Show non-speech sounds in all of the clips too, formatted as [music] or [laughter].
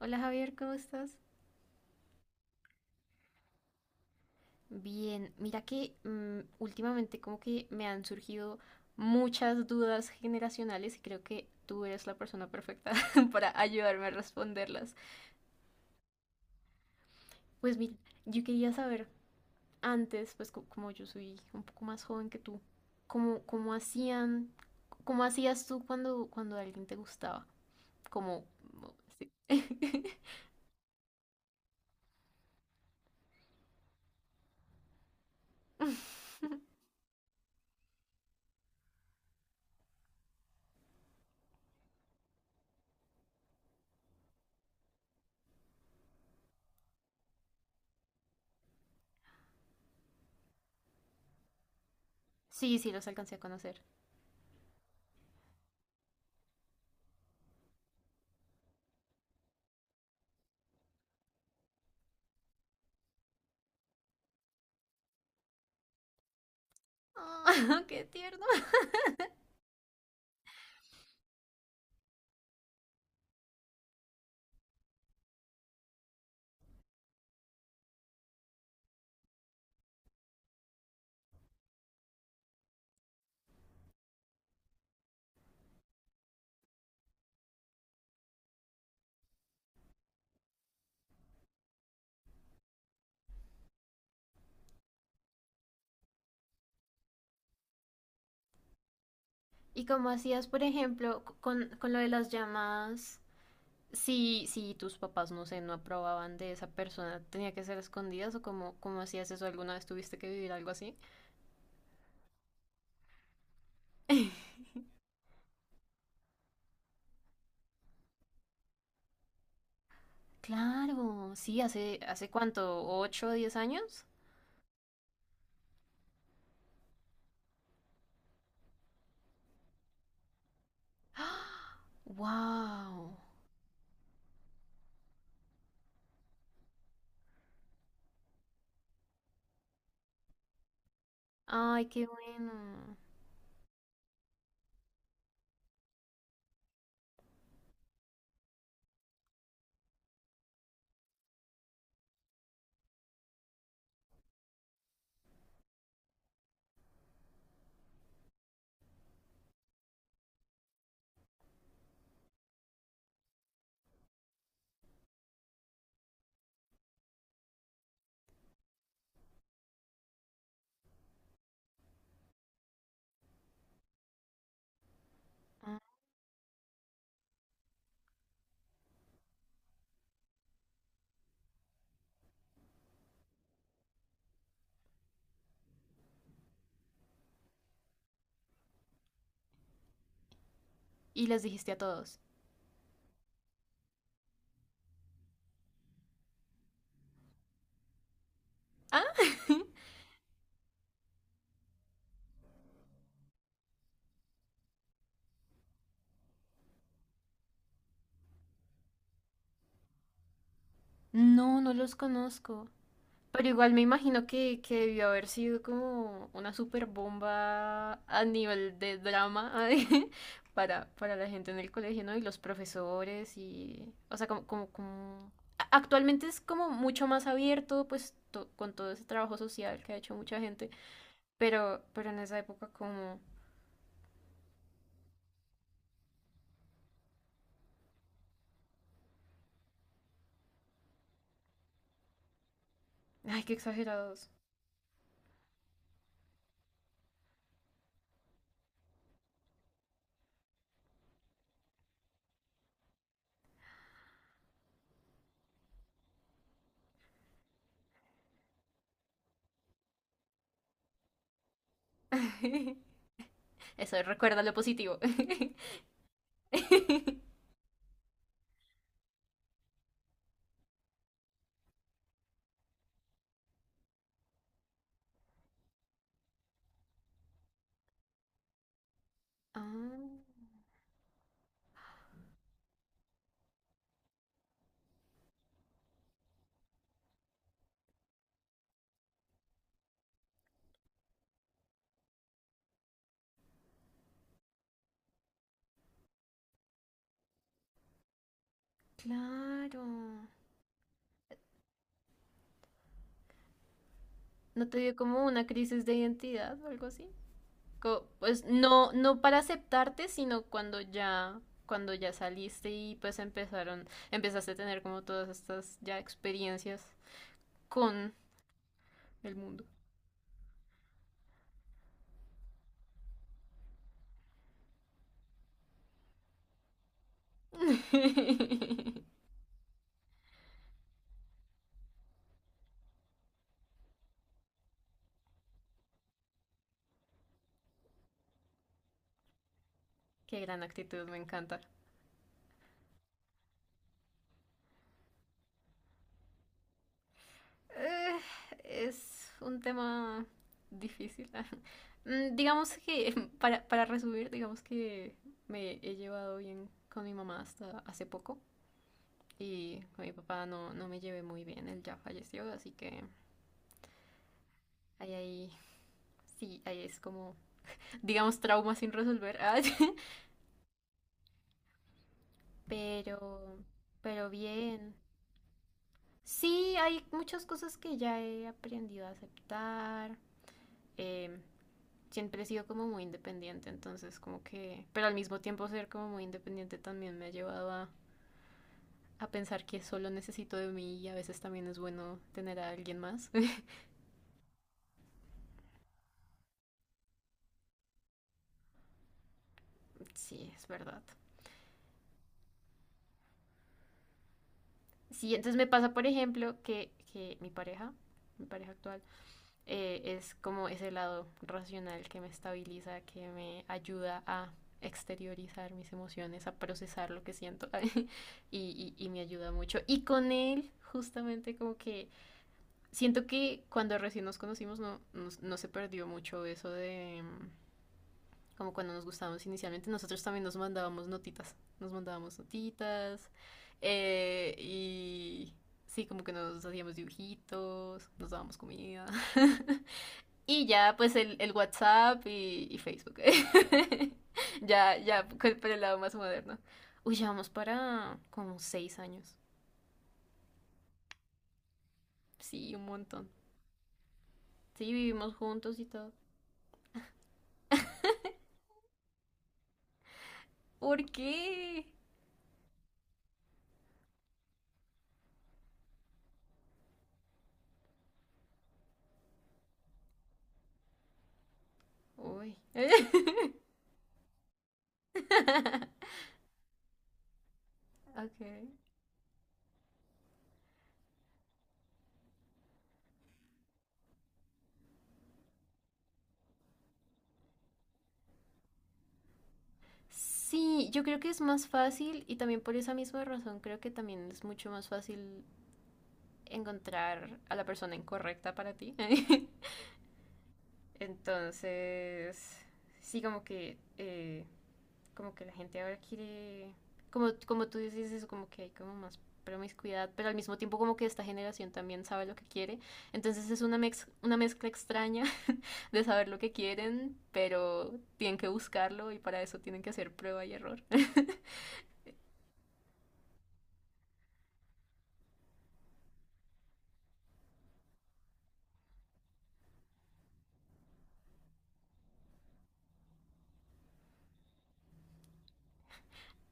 Hola Javier, ¿cómo estás? Bien, mira que últimamente como que me han surgido muchas dudas generacionales y creo que tú eres la persona perfecta [laughs] para ayudarme a responderlas. Pues mira, yo quería saber antes, pues como yo soy un poco más joven que tú, cómo hacían, cómo hacías tú cuando, cuando alguien te gustaba? Como, sí. [laughs] Sí, sí, los alcancé a conocer. Ah, [laughs] ¡Qué tierno! ¿Y cómo hacías, por ejemplo, con lo de las llamadas? Si, si tus papás, no sé, no aprobaban de esa persona, ¿tenía que ser a escondidas o cómo, cómo hacías eso? ¿Alguna vez tuviste que vivir algo así? [laughs] Claro, sí, hace, ¿hace cuánto? ¿8 o 10 años? [gasps] ¡Wow! ¡Ay, qué bueno! Ah, ¿Y les dijiste a todos? ¿Ah? [laughs] No, no los conozco. Pero igual me imagino que debió haber sido como una super bomba a nivel de drama [laughs] para la gente en el colegio, ¿no? Y los profesores y... O sea, Actualmente es como mucho más abierto, pues, con todo ese trabajo social que ha hecho mucha gente. Pero en esa época como... Ay, qué exagerados. [laughs] Eso, recuerda lo positivo. [laughs] Ah, claro. ¿No te dio como una crisis de identidad o algo así? Pues no, no para aceptarte, sino cuando ya saliste y pues empezaron, empezaste a tener como todas estas ya experiencias con el mundo. [laughs] Qué gran actitud, me encanta. Eh, es un tema difícil. [laughs] Digamos que, [laughs] para resumir, digamos que me he llevado bien con mi mamá hasta hace poco. Y con mi papá no, no me llevé muy bien, él ya falleció, así que ahí, ahí, sí, ahí es como, digamos, trauma sin resolver. [laughs] Pero, pero bien. Sí, hay muchas cosas que ya he aprendido a aceptar. Eh, siempre he sido como muy independiente, entonces como que, pero al mismo tiempo ser como muy independiente también me ha llevado a pensar que solo necesito de mí y a veces también es bueno tener a alguien más. [laughs] Sí, es verdad. Sí, entonces me pasa, por ejemplo, que mi pareja actual, es como ese lado racional que me estabiliza, que me ayuda a exteriorizar mis emociones, a procesar lo que siento [laughs] y me ayuda mucho. Y con él, justamente como que siento que cuando recién nos conocimos no, no, no se perdió mucho eso de... como cuando nos gustábamos inicialmente, nosotros también nos mandábamos notitas y sí, como que nos hacíamos dibujitos, nos dábamos comida [laughs] y ya pues el WhatsApp y Facebook, [laughs] ya, ya, por el lado más moderno. Uy, llevamos para como 6 años, sí, un montón. Sí, vivimos juntos y todo. ¿Por qué? Uy. [laughs] Ok. Sí, yo creo que es más fácil y también por esa misma razón creo que también es mucho más fácil encontrar a la persona incorrecta para ti. [laughs] Entonces, sí, como que la gente ahora quiere, como, como tú dices eso, como que hay como más promiscuidad, pero al mismo tiempo como que esta generación también sabe lo que quiere. Entonces es una, una mezcla extraña [laughs] de saber lo que quieren, pero tienen que buscarlo y para eso tienen que hacer prueba y error. [laughs]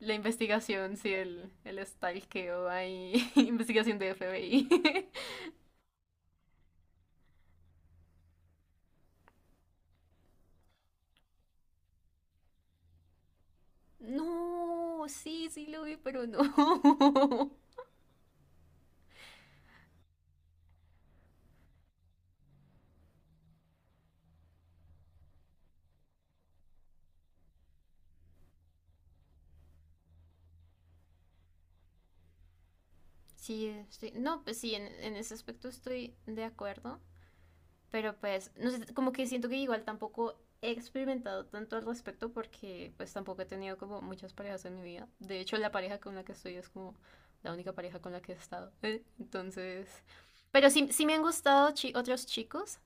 La investigación, sí, el stalkeo ahí, [laughs] investigación de FBI. [laughs] No, sí, sí lo vi, pero no. [laughs] Sí, no, pues sí, en ese aspecto estoy de acuerdo, pero pues, no sé, como que siento que igual tampoco he experimentado tanto al respecto porque pues tampoco he tenido como muchas parejas en mi vida. De hecho, la pareja con la que estoy es como la única pareja con la que he estado. [laughs] Entonces, pero sí, sí me han gustado otros chicos.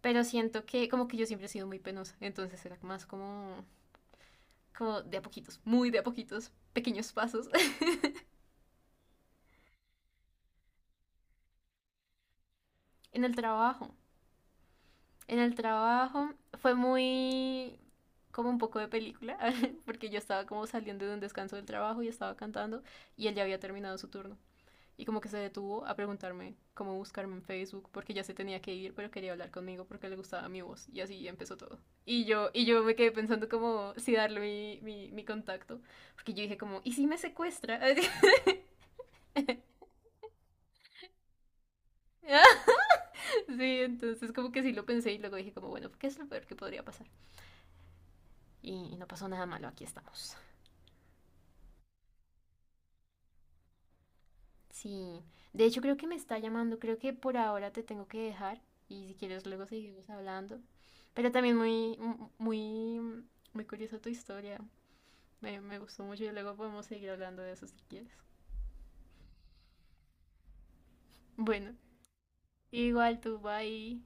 Pero siento que como que yo siempre he sido muy penosa, entonces era más como, como de a poquitos, muy de a poquitos, pequeños pasos. [laughs] En el trabajo, en el trabajo fue muy como un poco de película, [laughs] porque yo estaba como saliendo de un descanso del trabajo y estaba cantando y él ya había terminado su turno. Y como que se detuvo a preguntarme cómo buscarme en Facebook porque ya se tenía que ir, pero quería hablar conmigo porque le gustaba mi voz y así empezó todo. Y yo me quedé pensando como si darle mi contacto, porque yo dije como, ¿y si me secuestra? [laughs] Sí, entonces como que sí lo pensé y luego dije como, bueno, ¿qué es lo peor que podría pasar? Y no pasó nada malo, aquí estamos. Sí, de hecho creo que me está llamando, creo que por ahora te tengo que dejar y si quieres luego seguimos hablando. Pero también muy, muy, muy curiosa tu historia. Me gustó mucho y luego podemos seguir hablando de eso si quieres. Bueno, igual tú va ahí